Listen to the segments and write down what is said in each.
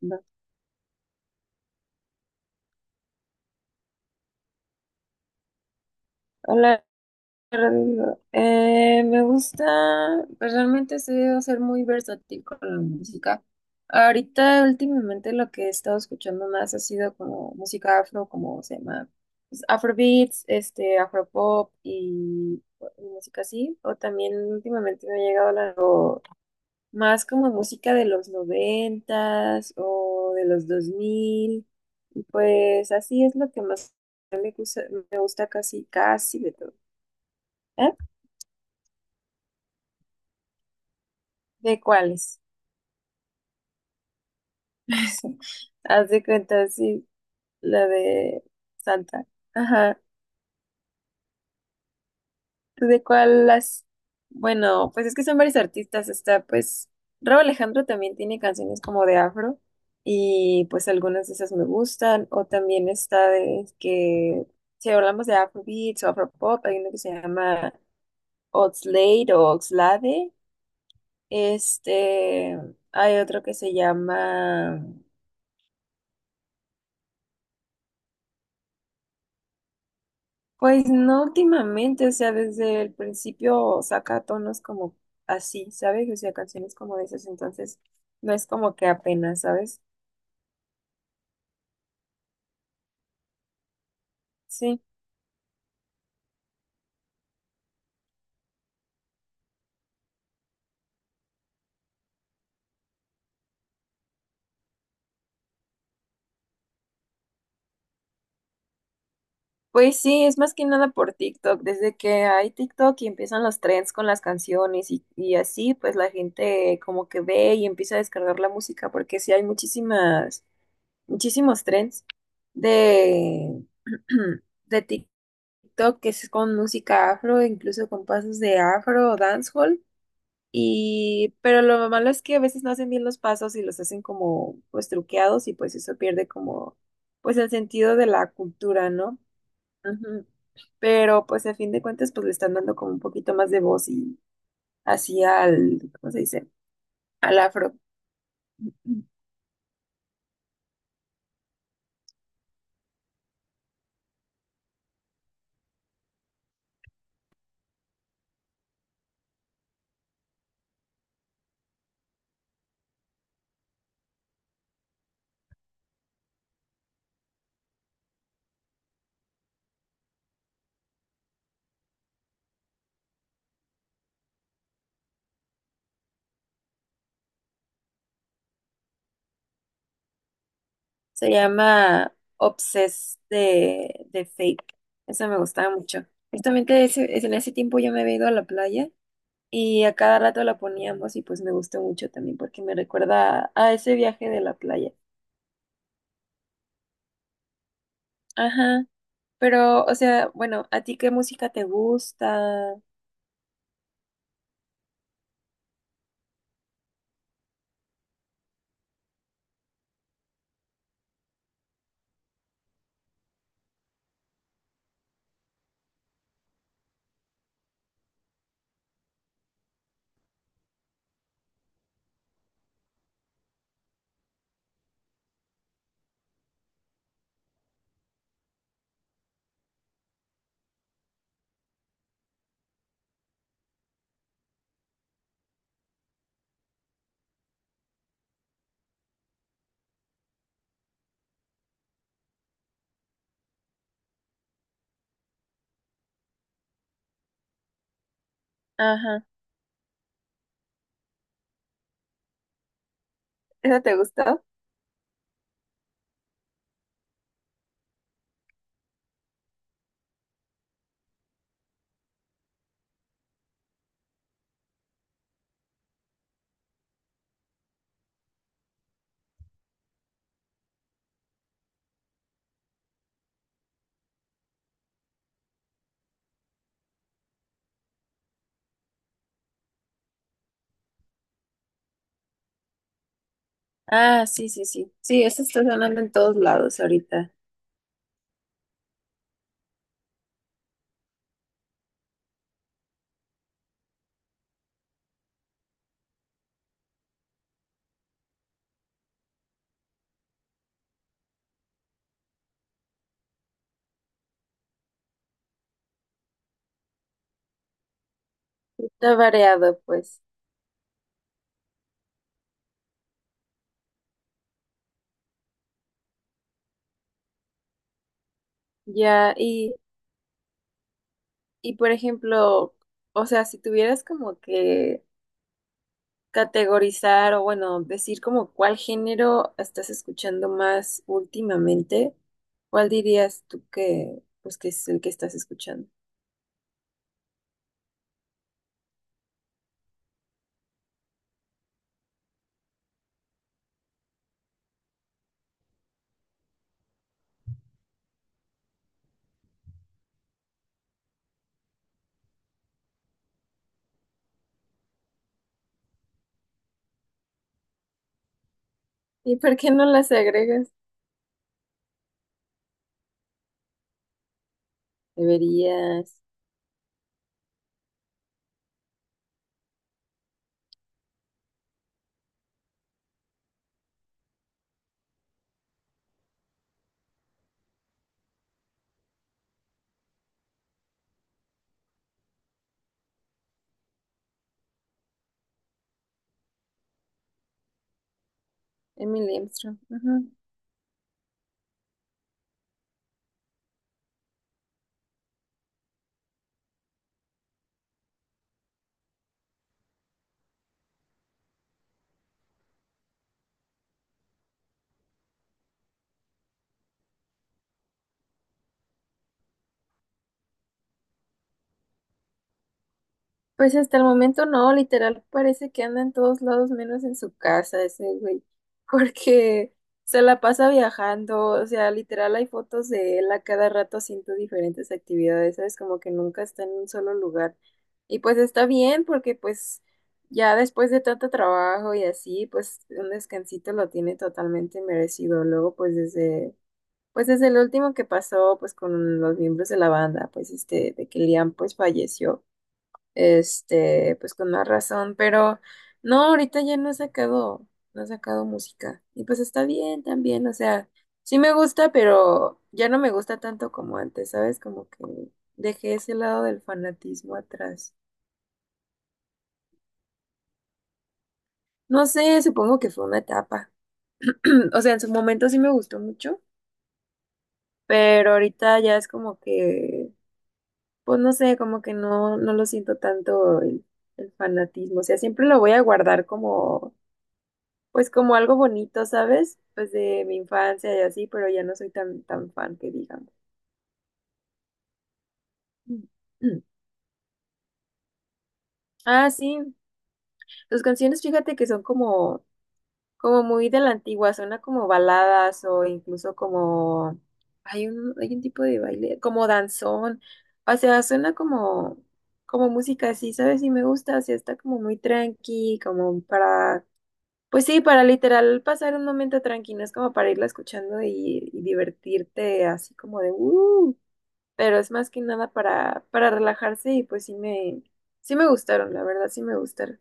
Va. Hola, Rodrigo. Me gusta, personalmente he sabido ser muy versátil con la música. Ahorita, últimamente, lo que he estado escuchando más ha sido como música afro, como se llama, pues, afrobeats, afropop y música así. O también últimamente me ha llegado o más como música de los noventas o de los dos mil. Y pues así es lo que más me gusta, me gusta, casi, casi de todo. ¿Eh? ¿De cuáles? Haz de cuenta, sí, la de Santa. Ajá. ¿Tú de cuál las? Bueno, pues es que son varios artistas. Está, pues, Rauw Alejandro también tiene canciones como de afro. Y pues algunas de esas me gustan. O también está de que, si hablamos de Afrobeats o Afropop, hay uno que se llama Oxlade o Oxlade. Este, hay otro que se llama. Pues no últimamente, o sea, desde el principio saca tonos como así, ¿sabes? O sea, canciones como de esas, entonces no es como que apenas, ¿sabes? Sí. Pues sí, es más que nada por TikTok. Desde que hay TikTok y empiezan los trends con las canciones y así, pues la gente como que ve y empieza a descargar la música, porque sí hay muchísimos trends de, de TikTok que es con música afro, incluso con pasos de afro o dancehall. Y, pero lo malo es que a veces no hacen bien los pasos y los hacen como, pues, truqueados y pues eso pierde como, pues, el sentido de la cultura, ¿no? Ujú. Pero, pues, a fin de cuentas, pues, le están dando como un poquito más de voz y así al, ¿cómo se dice? Al afro. Se llama Obsess de, Fake. Eso me gustaba mucho. Justamente en ese tiempo yo me había ido a la playa y a cada rato la poníamos y pues me gustó mucho también porque me recuerda a ese viaje de la playa. Ajá, pero o sea, bueno, ¿a ti qué música te gusta? Ajá, ¿esa te gustó? Ah, sí, sí, sí. Sí, eso está sonando en todos lados ahorita. Está variado, pues. Ya, y por ejemplo, o sea, si tuvieras como que categorizar o bueno, decir como cuál género estás escuchando más últimamente, ¿cuál dirías tú que pues que es el que estás escuchando? ¿Y por qué no las agregas? Deberías. Emily Armstrong. Ujú. Pues hasta el momento no, literal parece que anda en todos lados menos en su casa ese güey, porque se la pasa viajando, o sea, literal hay fotos de él a cada rato haciendo diferentes actividades, ¿sabes? Como que nunca está en un solo lugar. Y pues está bien porque pues ya después de tanto trabajo y así, pues un descansito lo tiene totalmente merecido. Luego pues pues desde el último que pasó pues con los miembros de la banda, pues este, de que Liam pues falleció. Este, pues con más razón, pero no, ahorita ya no ha sacado, no ha sacado música. Y pues está bien también, o sea, sí me gusta, pero ya no me gusta tanto como antes, ¿sabes? Como que dejé ese lado del fanatismo atrás. No sé, supongo que fue una etapa. O sea, en su momento sí me gustó mucho, pero ahorita ya es como que, pues no sé, como que no, no lo siento tanto el, fanatismo. O sea, siempre lo voy a guardar como pues como algo bonito, ¿sabes? Pues de mi infancia y así, pero ya no soy tan, tan fan que digamos. Mm. Ah, sí. Sus canciones, fíjate que son como, muy de la antigua, suena como baladas o incluso como hay un tipo de baile, como danzón. O sea, suena como música así, ¿sabes? Y me gusta, o sea, está como muy tranqui, como para pues sí, para literal pasar un momento tranquilo, es como para irla escuchando y divertirte así como de pero es más que nada para, relajarse y pues sí me gustaron, la verdad sí me gustaron.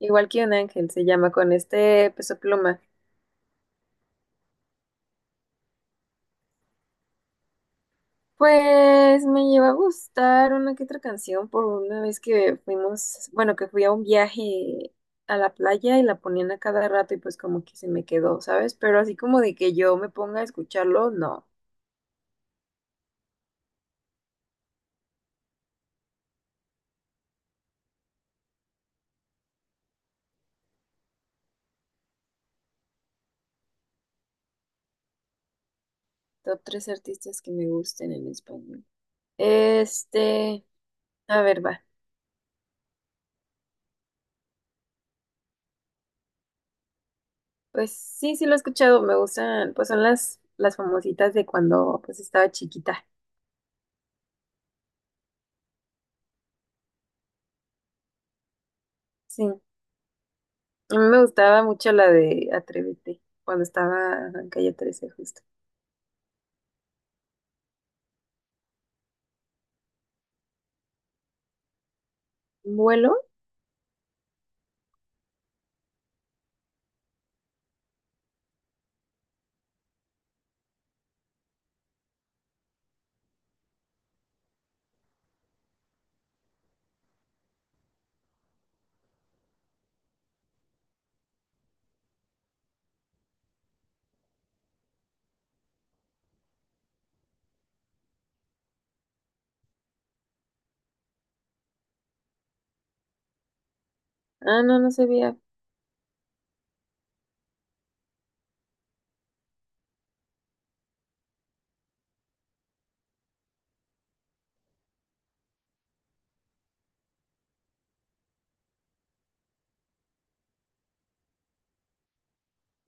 Igual que un ángel se llama con este Peso Pluma. Pues me lleva a gustar una que otra canción por una vez que fuimos, bueno, que fui a un viaje a la playa y la ponían a cada rato y pues como que se me quedó, ¿sabes? Pero así como de que yo me ponga a escucharlo, no. Top tres artistas que me gusten en español. Este, a ver, va. Pues sí, sí lo he escuchado, me gustan, pues son las, famositas de cuando pues estaba chiquita. Sí, a mí me gustaba mucho la de Atrévete, cuando estaba en Calle 13 justo. ¿Vuelo? Ah, no, no sabía.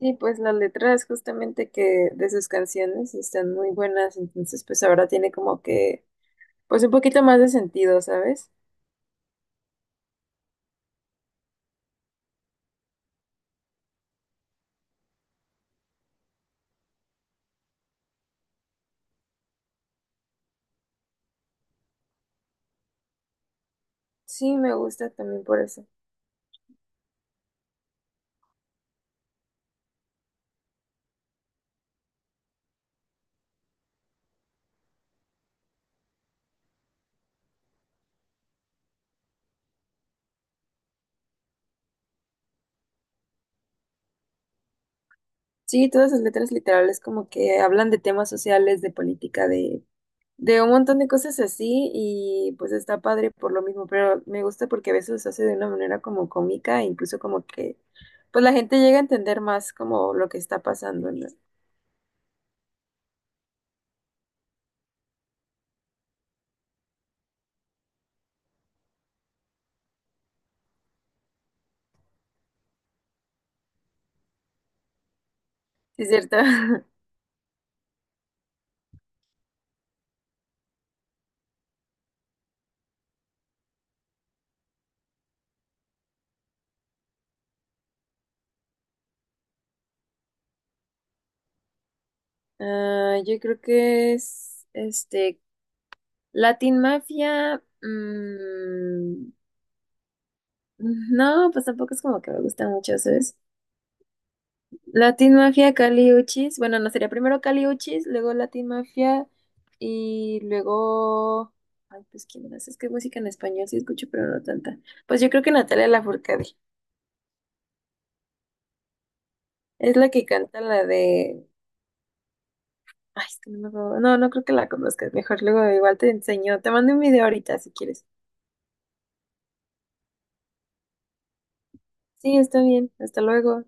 Sí, pues las letras justamente que de sus canciones están muy buenas, entonces pues ahora tiene como que, pues un poquito más de sentido, ¿sabes? Sí, me gusta también por eso. Sí, todas sus letras literales como que hablan de temas sociales, de política, de un montón de cosas así y pues está padre por lo mismo, pero me gusta porque a veces lo hace de una manera como cómica e incluso como que pues la gente llega a entender más como lo que está pasando, ¿no? Sí, es cierto. Ah, yo creo que es este Latin Mafia. No, pues tampoco es como que me gusta mucho, ¿sabes? Latin Mafia, Kali Uchis. Bueno, no sería primero Kali Uchis, luego Latin Mafia y luego. Ay, pues quién más. Es que música en español sí escucho, pero no tanta. Pues yo creo que Natalia Lafourcade. Es la que canta la de. Ay, es que no me acuerdo. No, no creo que la conozcas. Mejor luego igual te enseño. Te mando un video ahorita si quieres. Sí, está bien. Hasta luego.